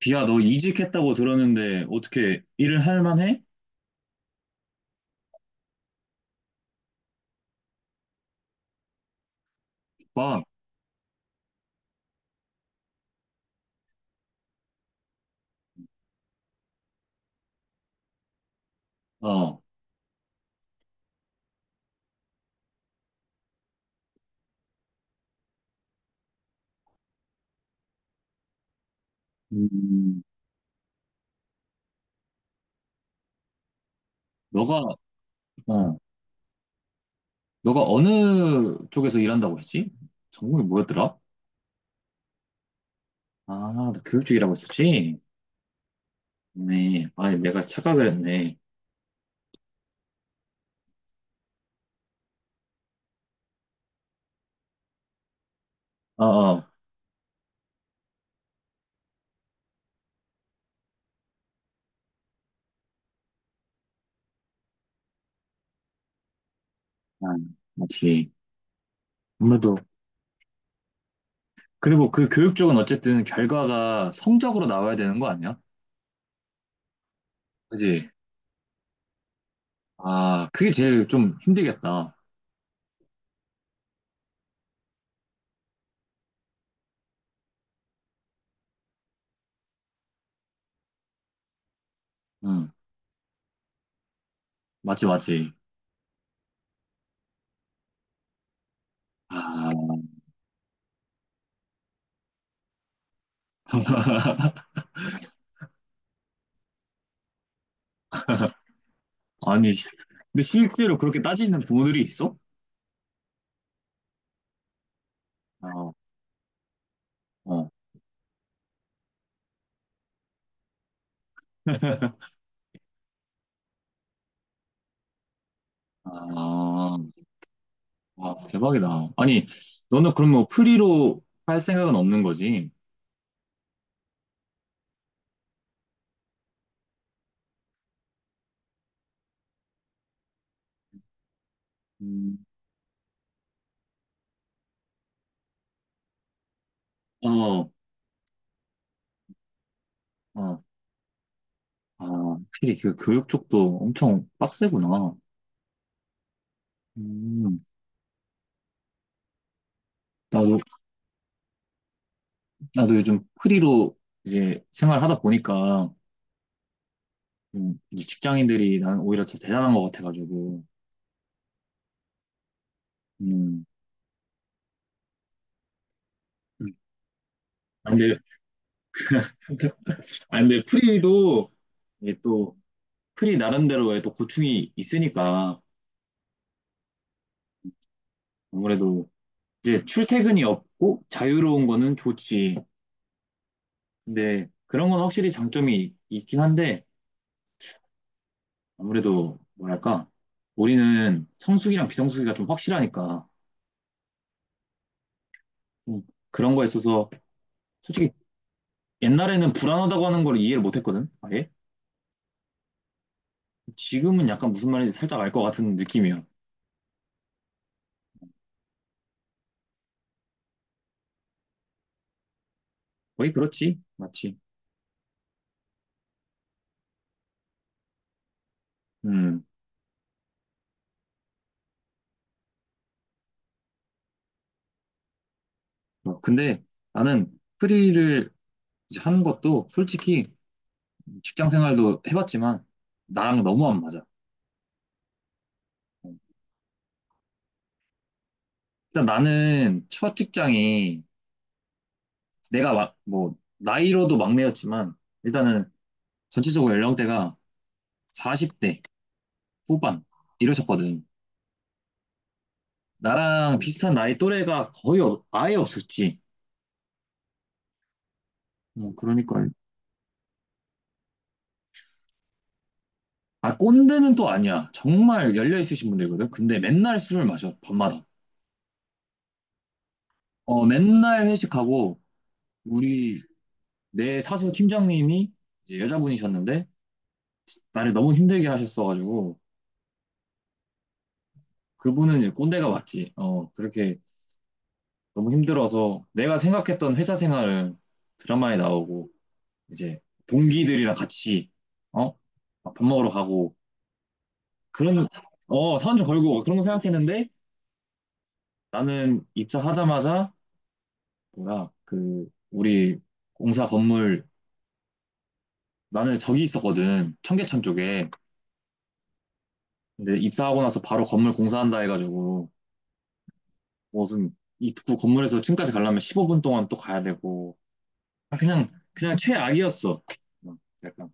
비야, 너 이직했다고 들었는데 어떻게 일을 할 만해? 막, 어, 음, 너가, 어, 너가 어느 쪽에서 일한다고 했지? 전공이 뭐였더라? 아, 너 교육 쪽이라고 했었지. 네, 아, 내가 착각을 했네. 어, 어, 아, 맞지. 아무래도. 그리고 그 교육 쪽은 어쨌든 결과가 성적으로 나와야 되는 거 아니야? 그지? 아, 그게 제일 좀 힘들겠다. 응, 맞지, 맞지. 아, 아니, 근데 실제로 그렇게 따지는 부모들이 있어? 아, 어. 아, 와, 대박이다. 아니, 너는 그럼 뭐 프리로 할 생각은 없는 거지? 음, 어, 어, 아, 확실히 그 교육 쪽도 엄청 빡세구나. 음, 나도, 요즘 프리로 이제 생활하다 보니까, 이제 직장인들이 난 오히려 더 대단한 것 같아가지고, 음. 아, 근데, 아, 근데 프리도 이게 또, 프리 나름대로의 또 고충이 있으니까 아무래도 이제 출퇴근이 없고 자유로운 거는 좋지. 근데 그런 건 확실히 장점이 있긴 한데 아무래도 뭐랄까 우리는 성수기랑 비성수기가 좀 확실하니까 좀 그런 거에 있어서 솔직히 옛날에는 불안하다고 하는 걸 이해를 못 했거든. 아예. 지금은 약간 무슨 말인지 살짝 알 것 같은 느낌이야. 거의 그렇지. 맞지. 음. 어, 근데 나는 프리를 이제 하는 것도 솔직히 직장 생활도 해봤지만 나랑 너무 안 맞아. 어. 일단 나는 첫 직장이 내가 막, 뭐 나이로도 막내였지만 일단은 전체적으로 연령대가 40대 후반 이러셨거든. 나랑 비슷한 나이 또래가 거의 아예 없었지. 어, 그러니까 아 꼰대는 또 아니야. 정말 열려 있으신 분들이거든. 근데 맨날 술을 마셔 밤마다. 어, 맨날 회식하고 우리 내 사수 팀장님이 이제 여자분이셨는데 나를 너무 힘들게 하셨어가지고 그분은 이제 꼰대가 맞지. 어, 그렇게 너무 힘들어서 내가 생각했던 회사 생활은 드라마에 나오고 이제 동기들이랑 같이 어? 밥 먹으러 가고 그런, 어, 사원 좀 걸고 그런 거 생각했는데 나는 입사하자마자 뭐야? 그 우리 공사 건물 나는 저기 있었거든. 청계천 쪽에. 근데 입사하고 나서 바로 건물 공사한다 해가지고 무슨 입구 건물에서 층까지 가려면 15분 동안 또 가야 되고 아, 그냥 최악이었어. 어, 약간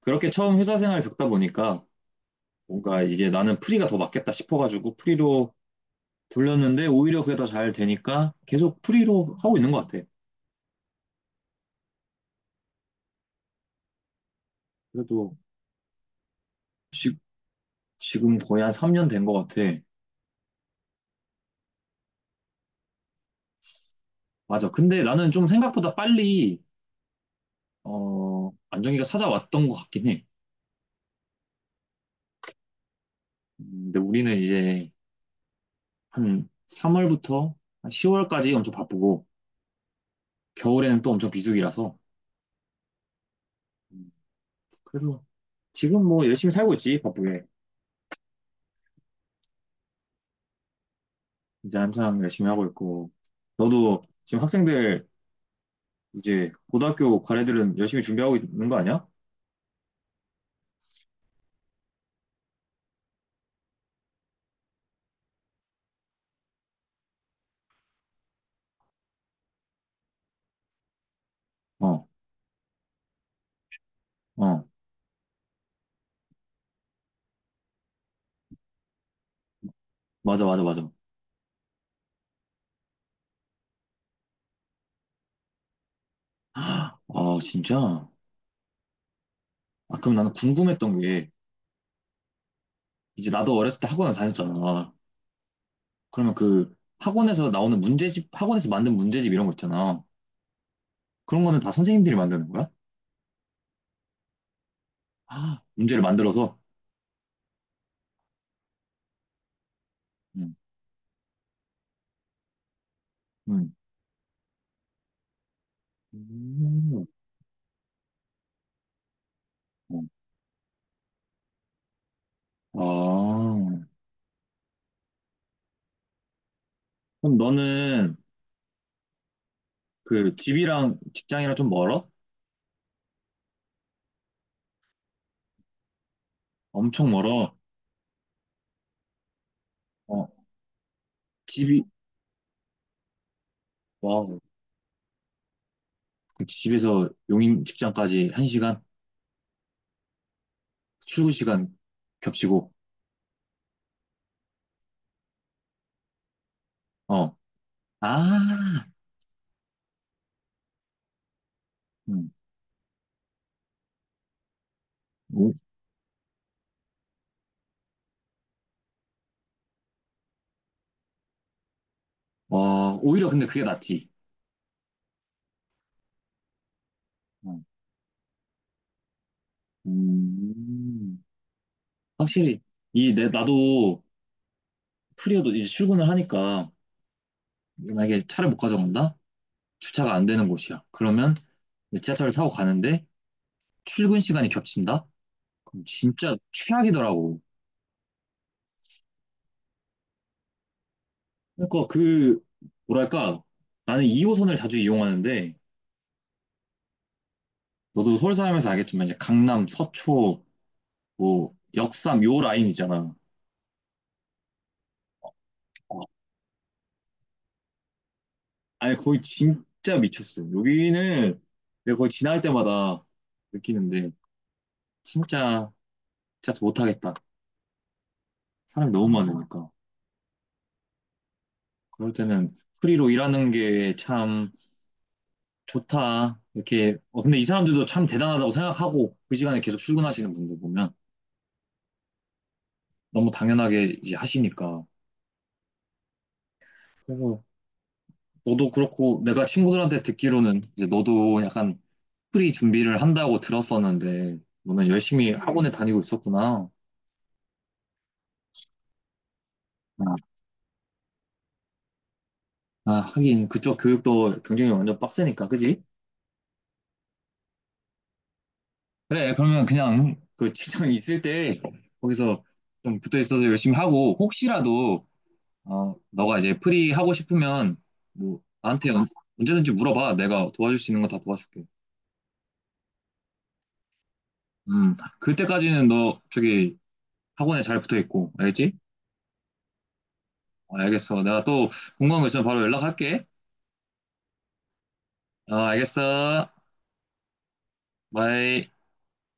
그렇게 처음 회사 생활 을 겪다 보니까 뭔가 이게 나는 프리가 더 맞겠다 싶어가지고 프리로 돌렸는데 오히려 그게 더 잘 되니까 계속 프리로 하고 있는 것 같아. 그래도 지, 지금 거의 한 3년 된 것 같아. 맞아. 근데 나는 좀 생각보다 빨리 어, 안정기가 찾아왔던 것 같긴 해. 음, 근데 우리는 이제 한 3월부터 한 10월까지 엄청 바쁘고 겨울에는 또 엄청 비수기라서 음, 그래서 지금 뭐 열심히 살고 있지, 바쁘게. 이제 한창 열심히 하고 있고. 너도 지금 학생들 이제 고등학교 과외들은 열심히 준비하고 있는 거 아니야? 어, 어, 맞아, 맞아, 맞아. 아, 진짜? 아, 그럼 나는 궁금했던 게, 이제 나도 어렸을 때 학원을 다녔잖아. 그러면 그 학원에서 나오는 문제집, 학원에서 만든 문제집 이런 거 있잖아. 그런 거는 다 선생님들이 만드는 거야? 아, 문제를 만들어서? 응, 응. 음, 어. 아, 그럼 너는 그 집이랑 직장이랑 좀 멀어? 엄청 멀어. 어, 집이 와, 그 집에서 용인 직장까지 한 시간 출근 시간 겹치고. 어. 아. 음. 오, 와, 오히려 근데 그게 낫지. 어. 음. 확실히 이 내 나도 프리어도 이제 출근을 하니까 만약에 차를 못 가져간다? 주차가 안 되는 곳이야. 그러면 이제 지하철을 타고 가는데 출근 시간이 겹친다? 그럼 진짜 최악이더라고. 그러니까 그 뭐랄까 나는 2호선을 자주 이용하는데 너도 서울 사람에서 알겠지만 이제 강남, 서초, 뭐 역삼 요 라인이잖아. 어, 아니 거의 진짜 미쳤어. 여기는 내가 거의 지날 때마다 느끼는데 진짜 진짜 못하겠다. 사람이 너무 많으니까. 그럴 때는 프리로 일하는 게 참 좋다. 이렇게 어, 근데 이 사람들도 참 대단하다고 생각하고 그 시간에 계속 출근하시는 분들 보면 너무 당연하게 이제 하시니까. 그래서 너도 그렇고 내가 친구들한테 듣기로는 이제 너도 약간 프리 준비를 한다고 들었었는데 너는 열심히 학원에 다니고 있었구나. 아, 아, 하긴 그쪽 교육도 경쟁이 완전 빡세니까, 그지? 그래, 그러면 그냥 그 직장 있을 때 거기서 좀 붙어 있어서 열심히 하고 혹시라도 어, 너가 이제 프리 하고 싶으면 뭐 나한테 언제든지 물어봐. 내가 도와줄 수 있는 거 다 도와줄게. 그때까지는 너 저기 학원에 잘 붙어 있고, 알겠지? 아, 알겠어. 내가 또 궁금한 거 있으면 바로 연락할게. 아, 알겠어. 바이.